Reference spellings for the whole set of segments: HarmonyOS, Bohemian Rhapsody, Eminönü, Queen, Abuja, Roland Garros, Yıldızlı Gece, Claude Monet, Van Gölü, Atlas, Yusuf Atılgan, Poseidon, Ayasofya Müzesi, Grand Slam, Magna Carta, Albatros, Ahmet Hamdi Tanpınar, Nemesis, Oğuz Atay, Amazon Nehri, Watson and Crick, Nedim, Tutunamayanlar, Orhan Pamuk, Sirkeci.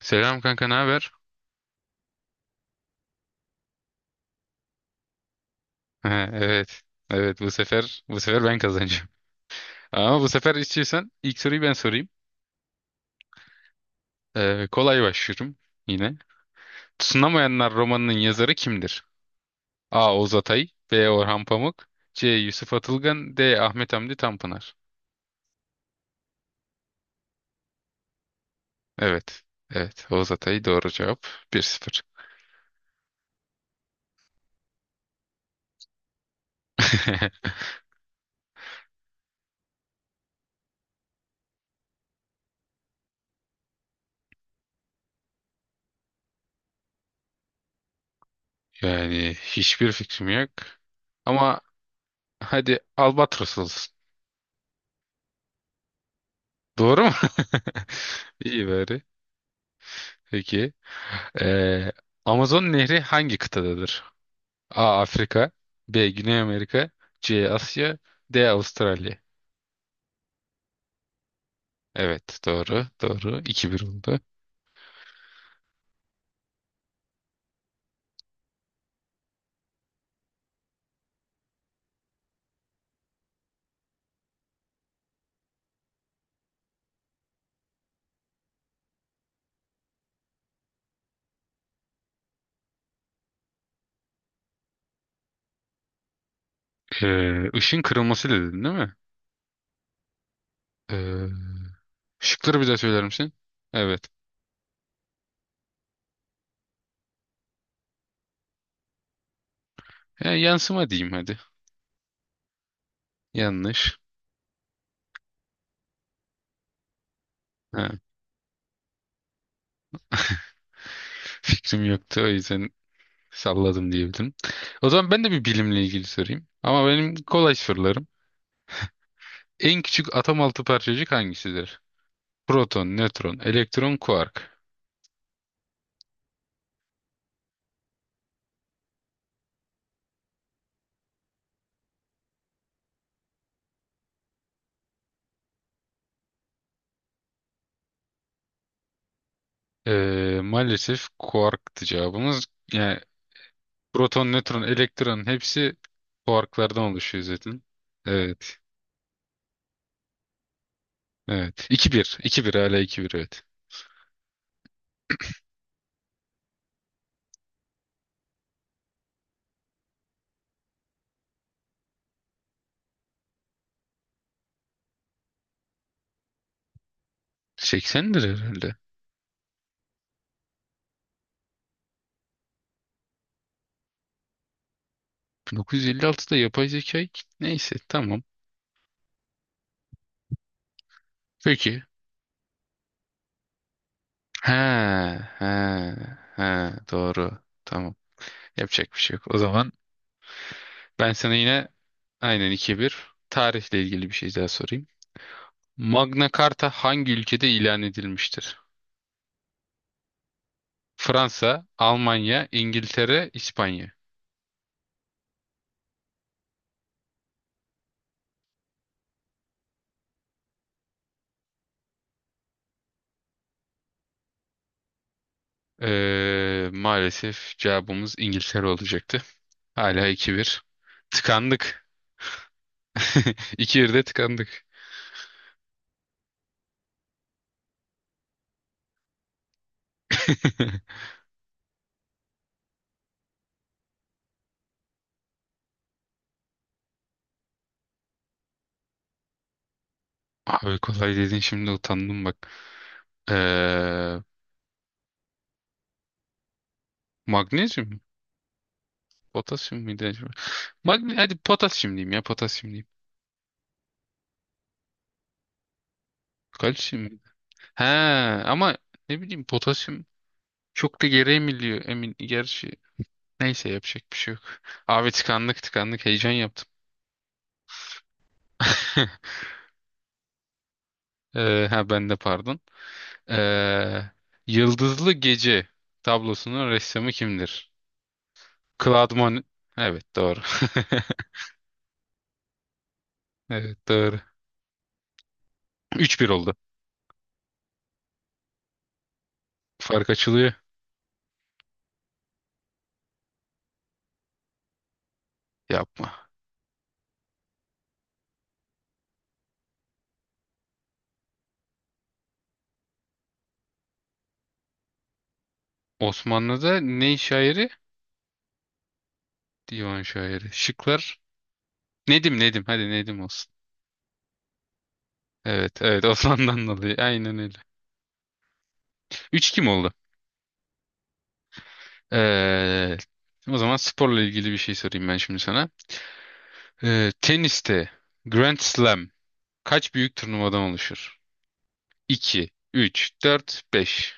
Selam kanka, ne haber? Ha, evet. Evet, bu sefer ben kazanacağım. Ama bu sefer istiyorsan ilk soruyu ben sorayım. Kolay başlıyorum yine. Tutunamayanlar romanının yazarı kimdir? A. Oğuz Atay, B. Orhan Pamuk, C. Yusuf Atılgan, D. Ahmet Hamdi Tanpınar. Evet. Evet, Oğuz Atay doğru cevap. Bir sıfır. Yani hiçbir fikrim yok. Ama hadi Albatros olsun. Doğru mu? İyi bari. Peki. Ee, Amazon Nehri hangi kıtadadır? A. Afrika, B. Güney Amerika, C. Asya, D. Avustralya. Evet, doğru, doğru. 2-1 oldu. Işın kırılması dedin değil mi? Ee, Şıkları bir daha söyler misin? Evet. Ya, yansıma diyeyim hadi. Yanlış. Ha, fikrim yoktu, o yüzden salladım diyebilirim. O zaman ben de bir bilimle ilgili sorayım. Ama benim kolay sorularım. En küçük atom altı parçacık hangisidir? Proton, nötron, elektron, kuark. Maalesef kuarktı cevabımız. Yani proton, nötron, elektron hepsi kuarklardan oluşuyor zaten. Evet, evet. 2 bir, iki bir. Hala iki bir. Evet. 80'dir herhalde. 1956'da yapay zeka neyse tamam. Peki. He, he, he, doğru. Tamam. Yapacak bir şey yok. O zaman ben sana yine aynen iki bir tarihle ilgili bir şey daha sorayım. Magna Carta hangi ülkede ilan edilmiştir? Fransa, Almanya, İngiltere, İspanya. Maalesef cevabımız İngiltere olacaktı. Hala 2-1. Tıkandık. 2-1'de tıkandık. Abi, kolay dedin, şimdi utandım bak. Ee, Magnezyum mu? Potasyum muydu acaba? Hadi potasyum diyeyim, ya potasyum diyeyim. Kalsiyum muydu? He, ama ne bileyim, potasyum çok da geri emiliyor, emin gerçi. Neyse, yapacak bir şey yok. Abi, tıkandık tıkandık, heyecan yaptım. Ha, ben de pardon. Ee, Yıldızlı Gece tablosunun ressamı kimdir? Claude Monet. Evet, doğru. Evet, doğru. 3-1 oldu. Fark açılıyor. Yapma. Osmanlı'da ne şairi? Divan şairi. Şıklar. Nedim, Nedim. Hadi Nedim olsun. Evet, evet, Osmanlı'dan dolayı. Aynen öyle. 3 kim oldu? Ee, O zaman sporla ilgili bir şey sorayım ben şimdi sana. Teniste Grand Slam kaç büyük turnuvadan oluşur? 2, 3, 4, 5.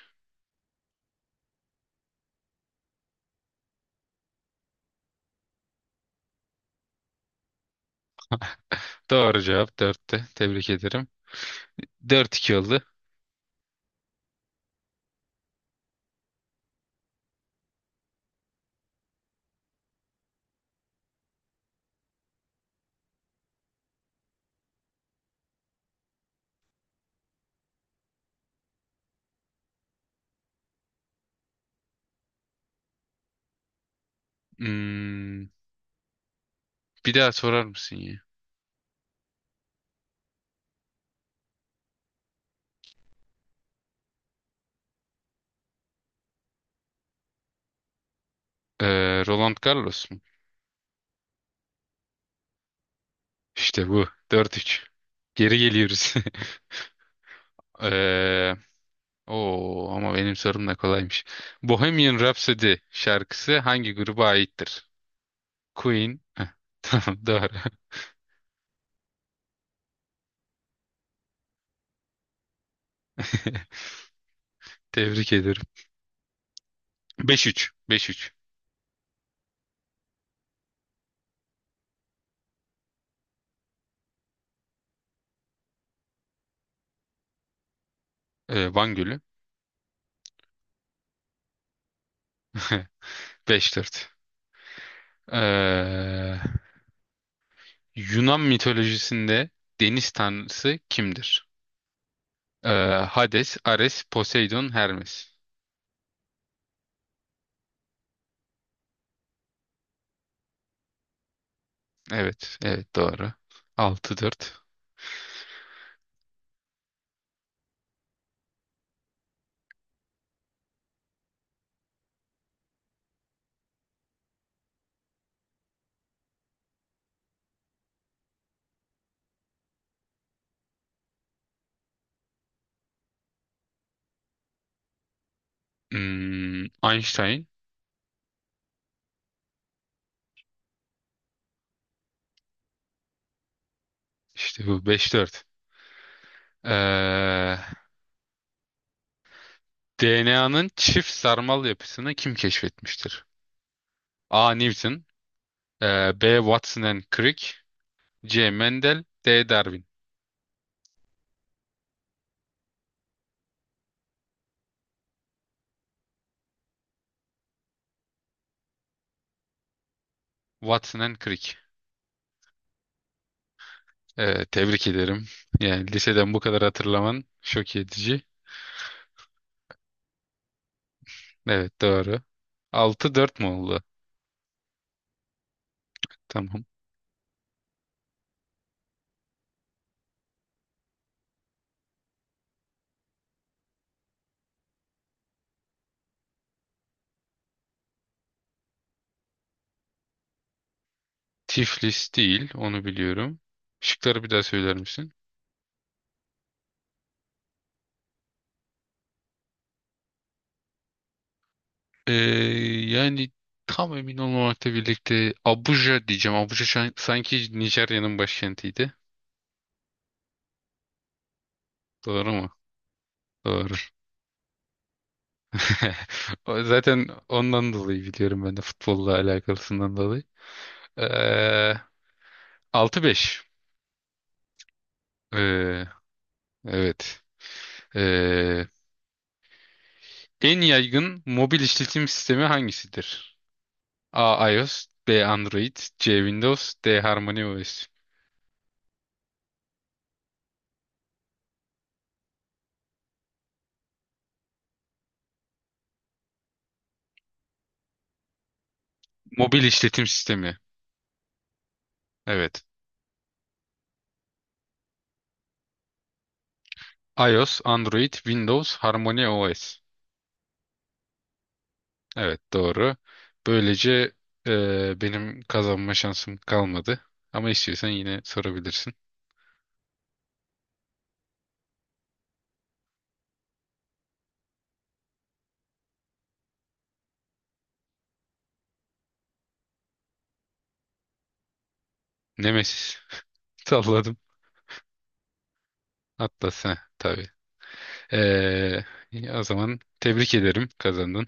Doğru cevap dörtte. Tebrik ederim. Dört iki oldu. Hmm, bir daha sorar mısın ya? Roland Garros mu? İşte bu. Dört üç. Geri geliyoruz. Ee, Ama benim sorum da kolaymış. Bohemian Rhapsody şarkısı hangi gruba aittir? Queen. Heh, tamam, doğru. Tebrik ederim. Beş üç. Beş üç. Van Gölü. 5-4. Ee, Yunan mitolojisinde deniz tanrısı kimdir? Ee, Hades, Ares, Poseidon, Hermes. Evet, evet, doğru. 6-4. Hmm, Einstein. İşte bu, 5-4. Ee, DNA'nın çift sarmal yapısını kim keşfetmiştir? A. Newton, B. Watson and Crick, C. Mendel, D. Darwin. Watson and Crick. Tebrik ederim. Yani liseden bu kadar hatırlaman şok edici. Evet, doğru. Altı dört mu oldu? Tamam. Tiflis değil, onu biliyorum. Şıkları bir daha söyler misin? Ee, Yani tam emin olmamakla birlikte Abuja diyeceğim. Abuja sanki Nijerya'nın başkentiydi. Doğru mu? Doğru. Zaten ondan dolayı biliyorum ben de, futbolla alakalısından dolayı. Ee, 6-5. Ee, evet. Ee, En yaygın mobil işletim sistemi hangisidir? A. iOS, B. Android, C. Windows, D. HarmonyOS. Mobil işletim sistemi. Evet. iOS, Android, Windows, HarmonyOS. Evet, doğru. Böylece benim kazanma şansım kalmadı. Ama istiyorsan yine sorabilirsin. Nemesis. Salladım. Atlas. Heh, tabii. Eee, O zaman tebrik ederim, kazandın.